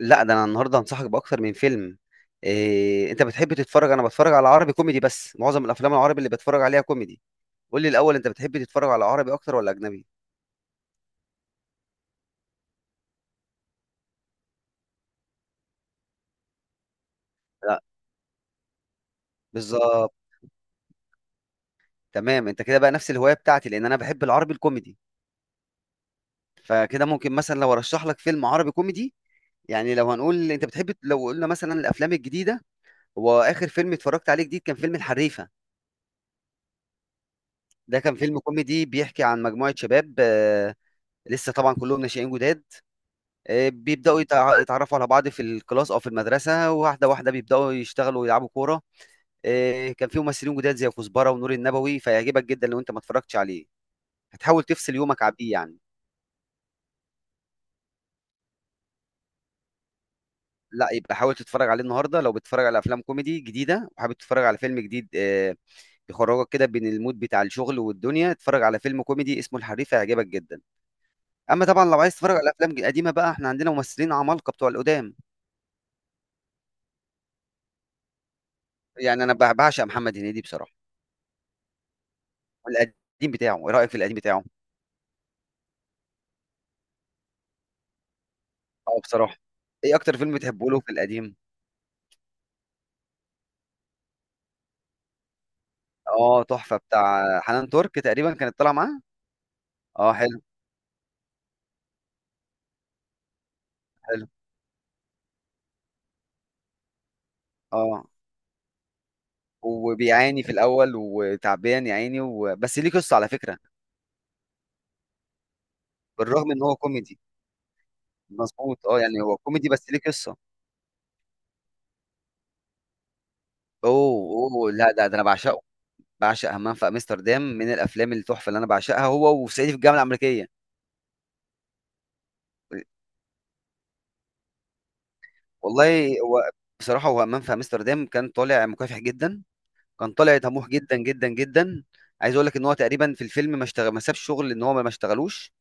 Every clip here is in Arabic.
لا، ده انا النهارده هنصحك باكتر من فيلم. إيه، انت بتحب تتفرج؟ انا بتفرج على عربي كوميدي، بس معظم الافلام العربي اللي بتفرج عليها كوميدي. قول لي الاول، انت بتحب تتفرج على عربي اكتر ولا اجنبي؟ لا، بالظبط. تمام، انت كده بقى نفس الهوايه بتاعتي، لان انا بحب العربي الكوميدي. فكده ممكن مثلا لو ارشح لك فيلم عربي كوميدي. يعني لو هنقول انت بتحب، لو قلنا مثلا الافلام الجديده، هو اخر فيلم اتفرجت عليه جديد كان فيلم الحريفه. ده كان فيلم كوميدي بيحكي عن مجموعه شباب، لسه طبعا كلهم ناشئين جداد. بيبداوا يتعرفوا على بعض في الكلاس او في المدرسه، واحده واحده بيبداوا يشتغلوا ويلعبوا كوره. كان في ممثلين جداد زي كزبره ونور النبوي، فيعجبك جدا لو انت ما اتفرجتش عليه. هتحاول تفصل يومك عن بيه يعني. لا، يبقى حاول تتفرج عليه النهارده. لو بتتفرج على افلام كوميدي جديده وحابب تتفرج على فيلم جديد يخرجك كده بين المود بتاع الشغل والدنيا، اتفرج على فيلم كوميدي اسمه الحريف، هيعجبك جدا. اما طبعا لو عايز تتفرج على افلام قديمه، بقى احنا عندنا ممثلين عمالقه بتوع القدام. يعني انا بعشق محمد هنيدي بصراحه. القديم بتاعه، ايه رايك في القديم بتاعه؟ آه، بصراحة. إيه أكتر فيلم بتحبه له في القديم؟ آه، تحفة، بتاع حنان ترك تقريبا كانت طالعة معاه. آه، حلو. حلو. آه، وبيعاني في الأول وتعبان يا عيني و... بس ليه قصة على فكرة. بالرغم إن هو كوميدي. مظبوط، آه، يعني هو كوميدي بس ليه قصة. أوه، أوه، لا ده، ده أنا بعشقه. بعشق همام في أمستردام، من الأفلام التحفة اللي أنا بعشقها، هو وصعيدي في الجامعة الأمريكية. والله هو، بصراحة، هو همام في أمستردام كان طالع مكافح جدا. كان طالع طموح جدا جدا جدا. عايز اقول لك ان هو تقريبا في الفيلم ما اشتغل، ما سابش شغل ان هو ما اشتغلوش.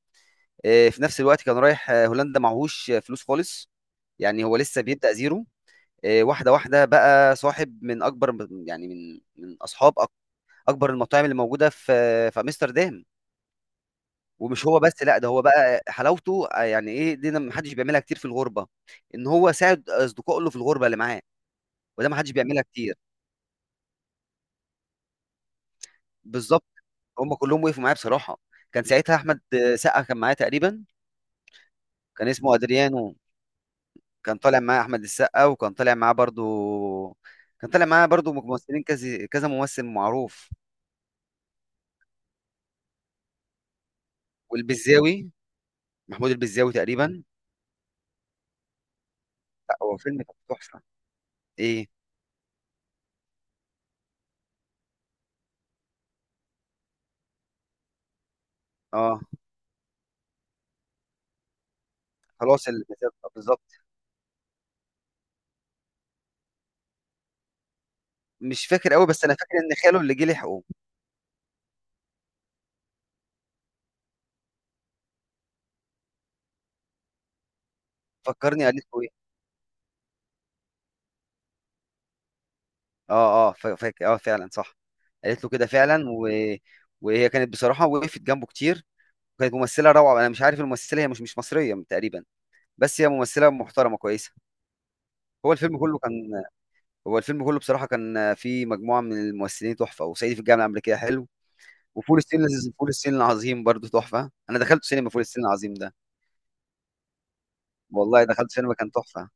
في نفس الوقت كان رايح هولندا، معهوش فلوس خالص. يعني هو لسه بيبدأ زيرو. واحده واحده بقى صاحب من اكبر، يعني من اصحاب اكبر المطاعم اللي موجوده في في امستردام. ومش هو بس، لا ده هو بقى حلاوته يعني ايه دي ما حدش بيعملها كتير في الغربه، ان هو ساعد اصدقائه اللي في الغربه اللي معاه. وده ما حدش بيعملها كتير. بالظبط. هم كلهم وقفوا معايا بصراحه. كان ساعتها احمد سقا كان معايا تقريبا. كان اسمه ادريانو. كان طالع معايا احمد السقا، وكان طالع معاه برضو. كان طالع معايا برضو ممثلين كذا كذا ممثل معروف. والبزاوي، محمود البزاوي تقريبا. لا، هو فيلم كان تحفه. ايه؟ اه، خلاص ال- بالظبط. مش فاكر قوي، بس انا فاكر ان خاله اللي جه لحقه. فكرني، قالت له ايه؟ اه اه، فاكر، اه فعلا صح. قالت له كده فعلا و... وهي كانت بصراحه وقفت جنبه كتير. كانت ممثلة روعة. أنا مش عارف الممثلة، هي مش مصرية تقريبا. بس هي ممثلة محترمة كويسة. هو الفيلم كله كان هو الفيلم كله بصراحة كان فيه مجموعة من الممثلين تحفة. وصعيدي في الجامعة الأمريكية حلو. فول الصين العظيم برضه تحفة. أنا دخلت سينما فول الصين العظيم ده. والله دخلت سينما كان تحفة.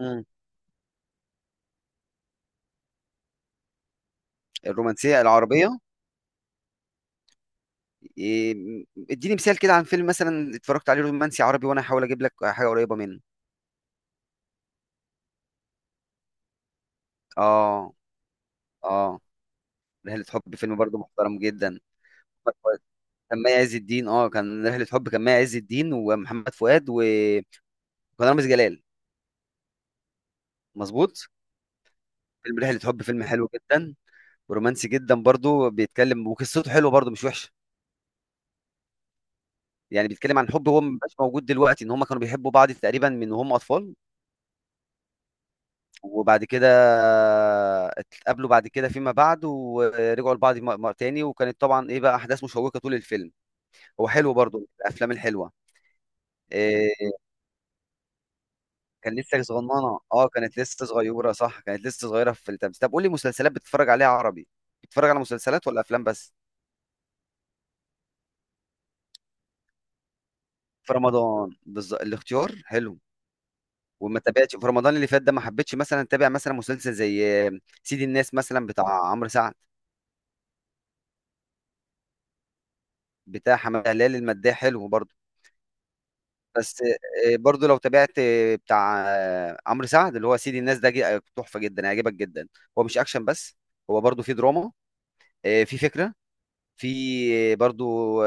مم. الرومانسية العربية. إيه، اديني مثال كده عن فيلم مثلا اتفرجت عليه رومانسي عربي، وأنا هحاول أجيب لك حاجة قريبة منه. آه. آه. رحلة حب فيلم برضه محترم جدا. كان مي عز الدين، اه كان رحلة حب، كان مي عز الدين ومحمد فؤاد و... وكان رامز جلال. مظبوط. فيلم رحلة حب فيلم حلو جدا. ورومانسي جدا برضو، بيتكلم وقصته حلوه برضو مش وحشة. يعني بيتكلم عن حب هو مبقاش موجود دلوقتي، ان هم كانوا بيحبوا بعض تقريبا من وهم اطفال. وبعد كده اتقابلوا بعد كده فيما بعد، ورجعوا لبعض تاني، وكانت طبعا ايه بقى احداث مشوقة طول الفيلم. هو حلو برضو من الافلام الحلوة. آه، كان لسه صغننه، اه كانت لسه صغيره، صح كانت لسه صغيره في التمثيل. طب قولي مسلسلات بتتفرج عليها عربي؟ بتتفرج على مسلسلات ولا افلام بس؟ في رمضان بالظبط، الاختيار حلو. وما تابعتش في رمضان اللي فات ده، ما حبيتش مثلا اتابع مثلا مسلسل زي سيد الناس مثلا بتاع عمرو سعد. بتاع حماده هلال المداح حلو برضه. بس برضه لو تابعت بتاع عمرو سعد اللي هو سيد الناس ده تحفه جدا هيعجبك جدا. هو مش اكشن بس. هو برضه فيه دراما. فيه فكره. في برضو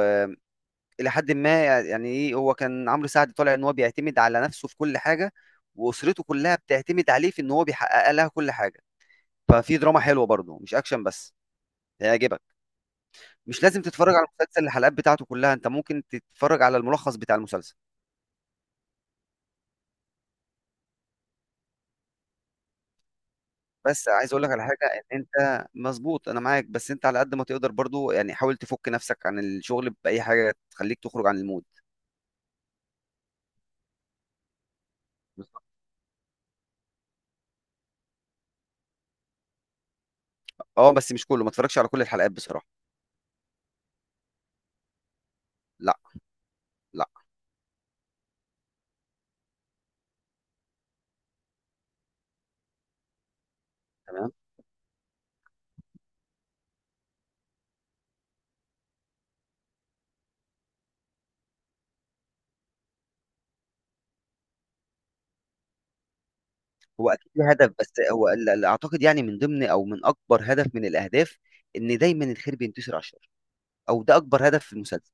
الى حد ما، يعني ايه، هو كان عمرو سعد طالع ان هو بيعتمد على نفسه في كل حاجه. واسرته كلها بتعتمد عليه في ان هو بيحقق لها كل حاجه. ففي دراما حلوه برضه مش اكشن بس. هيعجبك. مش لازم تتفرج على المسلسل الحلقات بتاعته كلها، انت ممكن تتفرج على الملخص بتاع المسلسل. بس عايز اقول لك على حاجه، إن انت مظبوط انا معاك، بس انت على قد ما تقدر برضه، يعني حاول تفك نفسك عن الشغل باي حاجه تخليك تخرج عن المود. اه، بس مش كله، ما تتفرجش على كل الحلقات بصراحه. لا. لا. تمام. هو اكيد له هدف، بس هو اعتقد يعني من ضمن او من اكبر هدف من الاهداف ان دايما الخير بينتصر على الشر. او ده اكبر هدف في المسلسل.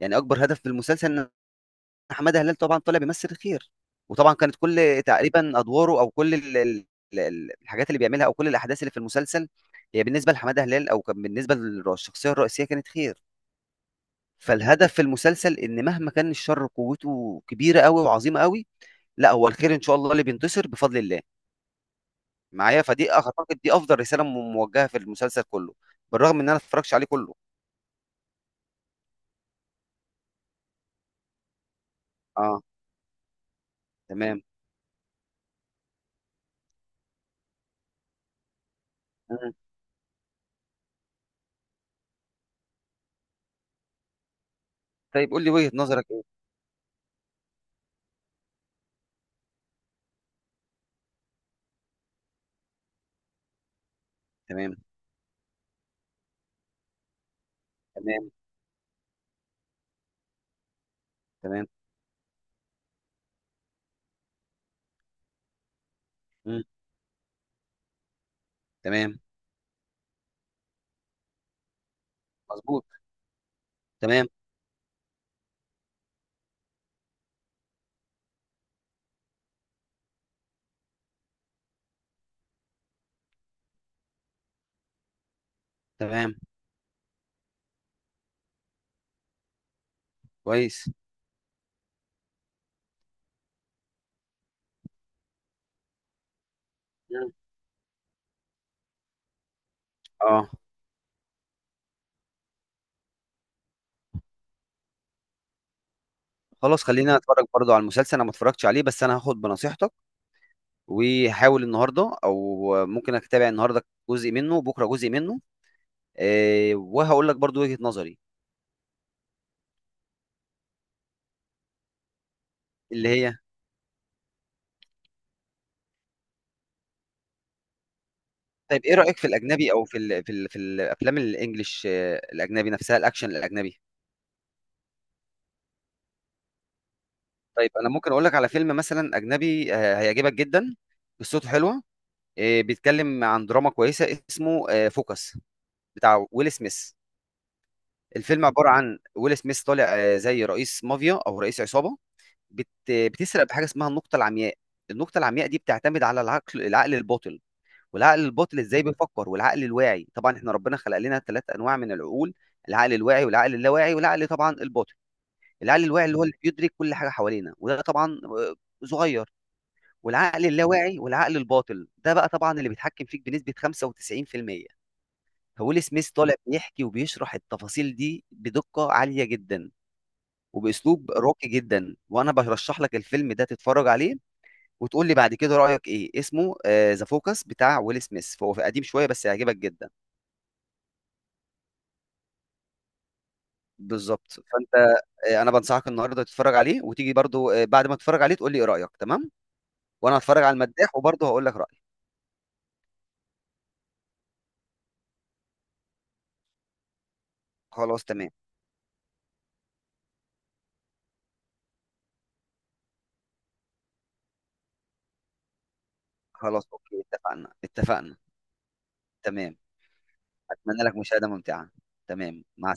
يعني اكبر هدف في المسلسل ان حماده هلال طبعا طلع بيمثل الخير. وطبعا كانت كل تقريبا ادواره او كل الحاجات اللي بيعملها او كل الاحداث اللي في المسلسل، هي بالنسبه لحماده هلال، او كان بالنسبه للشخصيه الرئيسيه، كانت خير. فالهدف في المسلسل ان مهما كان الشر قوته كبيره قوي وعظيمه قوي، لا هو الخير ان شاء الله اللي بينتصر بفضل الله معايا. فدي اعتقد دي افضل رساله موجهه في المسلسل كله. بالرغم ان انا ما اتفرجتش عليه كله. اه. تمام. مم. طيب قول لي وجهه نظرك ايه؟ تمام. تمام. تمام. مم. تمام. مظبوط. تمام. تمام. كويس. مم. اه. خلاص، خلينا اتفرج برضو على المسلسل، انا ما اتفرجتش عليه، بس انا هاخد بنصيحتك وهحاول النهارده او ممكن اتابع النهارده جزء منه وبكره جزء منه. آه، وهقول لك برضو وجهه نظري. اللي هي، طيب إيه رأيك في الأجنبي؟ أو في ال في ال في الأفلام الإنجليش، الأجنبي نفسها، الأكشن الأجنبي. طيب أنا ممكن أقول لك على فيلم مثلا أجنبي هيعجبك جدا. قصته حلوة. بيتكلم عن دراما كويسة، اسمه فوكس، بتاع ويل سميث. الفيلم عبارة عن ويل سميث طالع زي رئيس مافيا أو رئيس عصابة. بتسرق بحاجة اسمها النقطة العمياء. النقطة العمياء دي بتعتمد على العقل، العقل الباطن. والعقل الباطن ازاي بيفكر، والعقل الواعي. طبعا احنا ربنا خلق لنا ثلاث انواع من العقول. العقل الواعي والعقل اللاواعي والعقل طبعا الباطن. العقل الواعي اللي هو اللي بيدرك كل حاجه حوالينا، وده طبعا صغير. والعقل اللاواعي والعقل الباطن ده بقى طبعا اللي بيتحكم فيك بنسبه 95%. فويل سميث طالع بيحكي وبيشرح التفاصيل دي بدقه عاليه جدا وباسلوب راقي جدا، وانا برشح لك الفيلم ده تتفرج عليه وتقول لي بعد كده رايك ايه. اسمه ذا فوكس بتاع ويل سميث، فهو قديم شويه بس هيعجبك جدا. بالظبط فانت، انا بنصحك النهارده تتفرج عليه، وتيجي برضو بعد ما تتفرج عليه تقول لي ايه رايك، تمام؟ وانا هتفرج على المداح وبرضو هقول لك رايي. خلاص تمام. خلاص، اوكي، اتفقنا اتفقنا. تمام. اتمنى لك مشاهده ممتعه. تمام، مع